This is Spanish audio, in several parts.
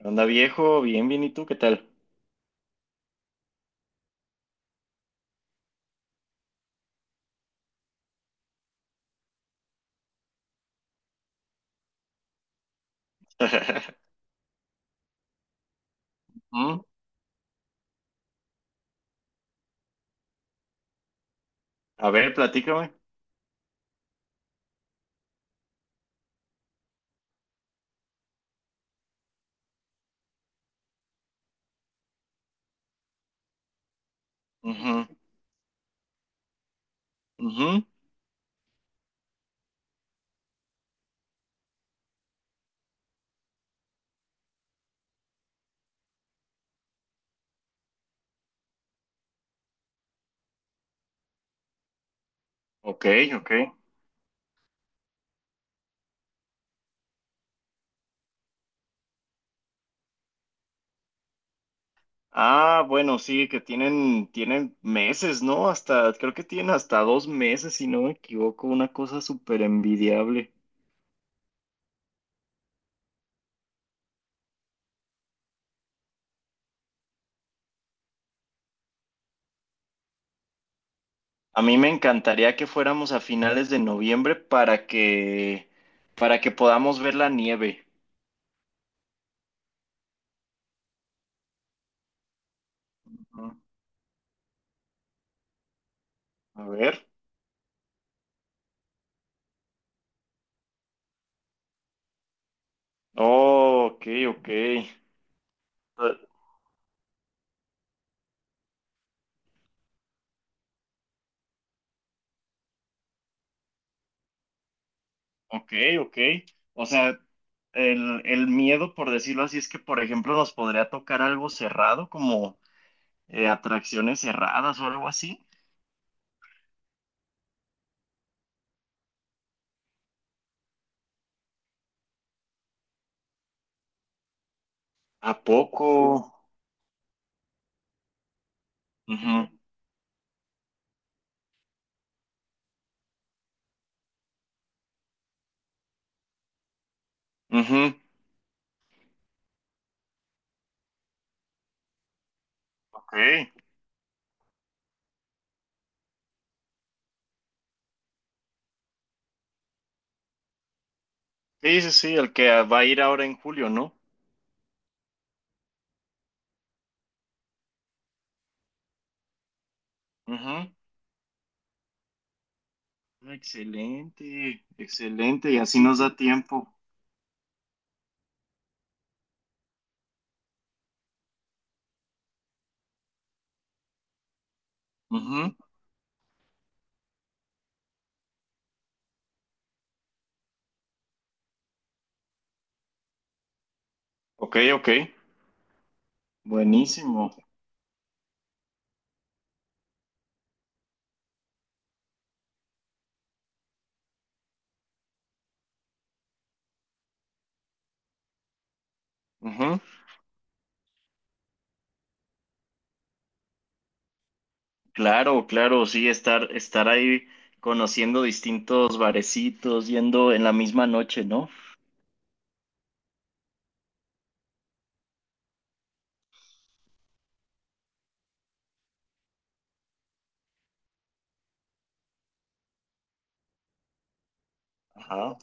¿Qué onda, viejo? Bien, bien, ¿y tú qué tal? ¿Mm? A ver, platícame. Ujú, ujú. Ok, ok. Ah, bueno, sí, que tienen, tienen meses, ¿no? Hasta, creo que tienen hasta 2 meses, si no me equivoco, una cosa súper envidiable. A mí me encantaría que fuéramos a finales de noviembre para para que podamos ver la nieve. Ujú. A ver. Oh, ok, ok. Ok, ok. O sea, el miedo, por decirlo así, es que, por ejemplo, nos podría tocar algo cerrado, como atracciones cerradas o algo así. ¿A poco? Ujú, ujú, Ok. Sí, sí, sí, el que va a ir ahora en julio, ¿no? Ujú. Excelente, excelente. Y así nos da tiempo. Ujú. Ok, ok. Buenísimo. Ujú. Claro, claro, sí, estar ahí conociendo distintos barecitos, yendo en la misma noche, ¿no? Ajá.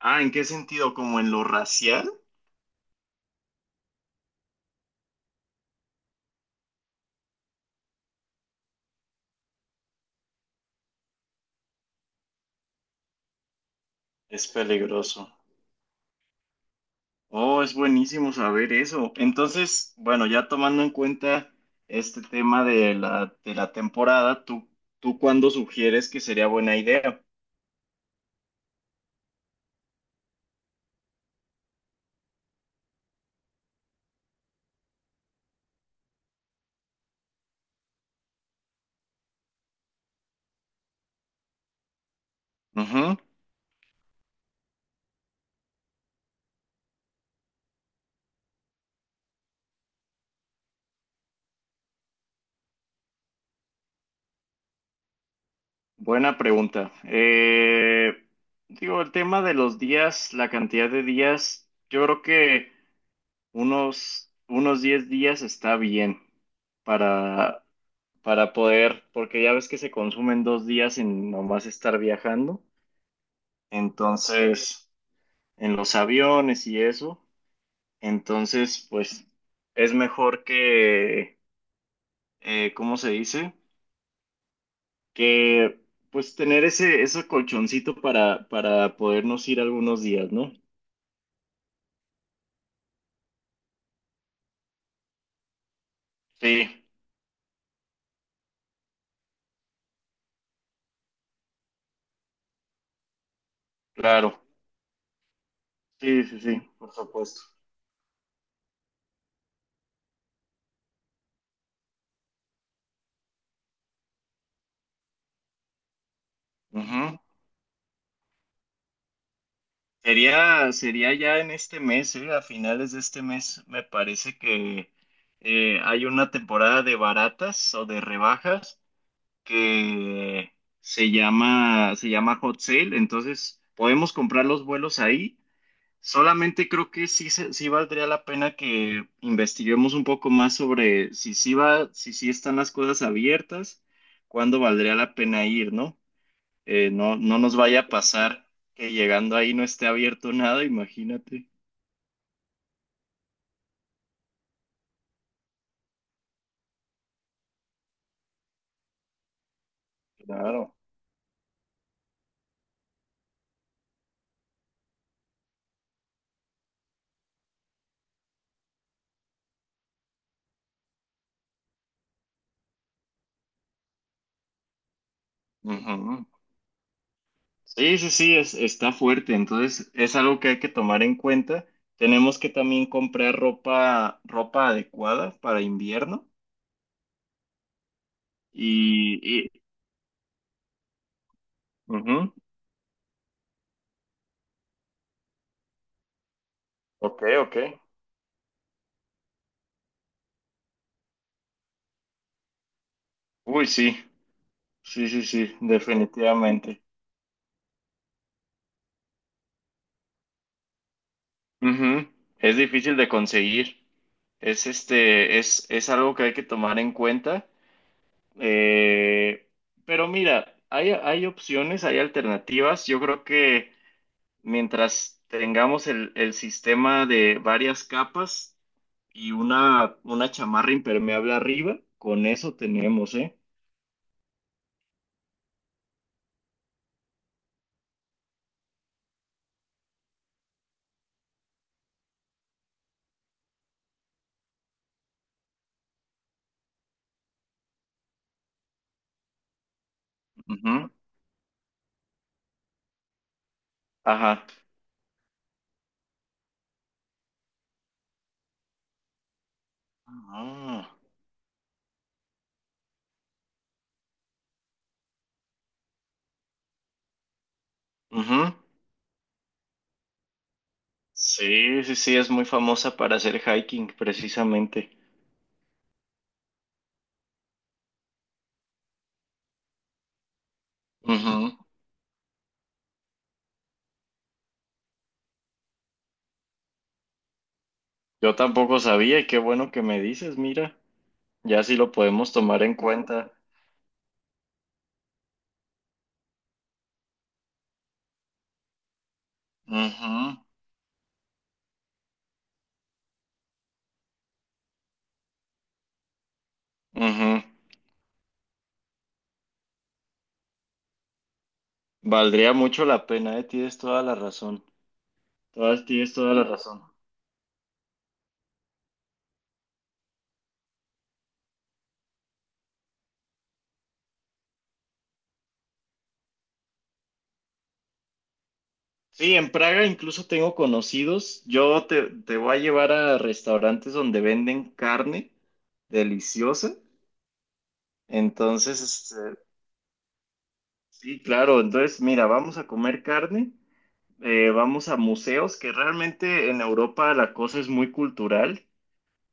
Ah, ¿en qué sentido? ¿Como en lo racial? Es peligroso. Oh, es buenísimo saber eso. Entonces, bueno, ya tomando en cuenta este tema de de la temporada, ¿tú, tú cuándo sugieres que sería buena idea? Ujú. Buena pregunta. Digo, el tema de los días, la cantidad de días, yo creo que... unos 10 días está bien para, para poder, porque ya ves que se consumen 2 días en nomás estar viajando. Entonces, en los aviones y eso, entonces, pues es mejor que, ¿cómo se dice? Que pues tener ese colchoncito para podernos ir algunos días, ¿no? Sí, claro. Sí, sí, sí, por supuesto. Ujú. Sería, sería ya en este mes, a finales de este mes, me parece que hay una temporada de baratas o de rebajas que se llama Hot Sale, entonces podemos comprar los vuelos ahí. Solamente creo que sí, sí valdría la pena que investiguemos un poco más sobre si sí va, si sí están las cosas abiertas, cuándo valdría la pena ir, ¿no? No, no nos vaya a pasar que llegando ahí no esté abierto nada, imagínate. Claro. Ujú. Sí, sí, sí, es, está fuerte, entonces es algo que hay que tomar en cuenta. Tenemos que también comprar ropa, ropa adecuada para invierno y, y ujú. Ok, ok. Uy, sí, sí, sí, sí, definitivamente. Ujú. Es difícil de conseguir. Es es algo que hay que tomar en cuenta. Eh, pero mira, hay opciones, hay alternativas. Yo creo que mientras tengamos el sistema de varias capas y una chamarra impermeable arriba, con eso tenemos, ¿eh? Ujú, Ajá. Ah, ujú. Sí, sí, sí, es muy famosa para hacer hiking, precisamente. Ujú. Yo tampoco sabía y qué bueno que me dices, mira, ya sí lo podemos tomar en cuenta. Ujú, ujú. Valdría mucho la pena, ¿eh? Tienes toda la razón. Tienes toda la razón. Sí, en Praga incluso tengo conocidos. Yo te voy a llevar a restaurantes donde venden carne deliciosa. Entonces, este, sí, claro. Entonces, mira, vamos a comer carne, vamos a museos, que realmente en Europa la cosa es muy cultural.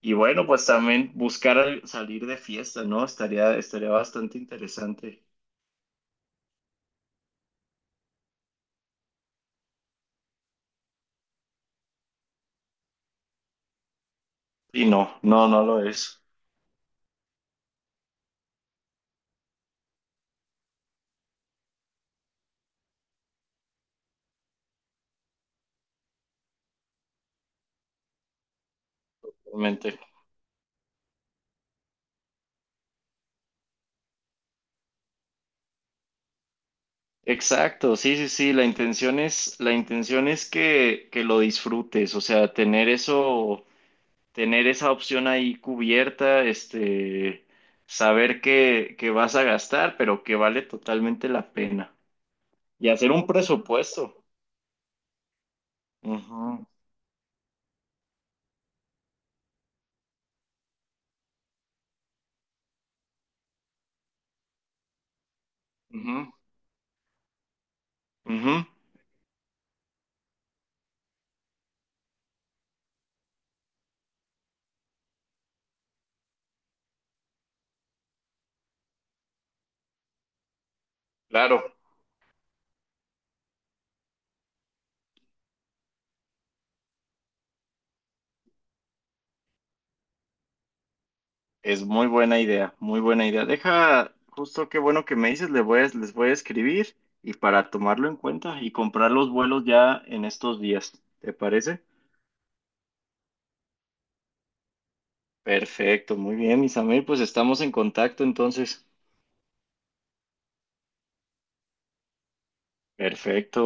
Y bueno, pues también buscar salir de fiesta, ¿no? Estaría, estaría bastante interesante. Y no, no, no lo es, realmente. Exacto, sí, sí, sí, la intención es que lo disfrutes, o sea, tener eso, tener esa opción ahí cubierta, este, saber que vas a gastar, pero que vale totalmente la pena. Y hacer un presupuesto. Ujú, ujú, ujú, Claro, es muy buena idea, muy buena idea. Deja, justo qué bueno que me dices, les voy les voy a escribir y para tomarlo en cuenta y comprar los vuelos ya en estos días, ¿te parece? Perfecto, muy bien, Isamel, pues estamos en contacto entonces. Perfecto.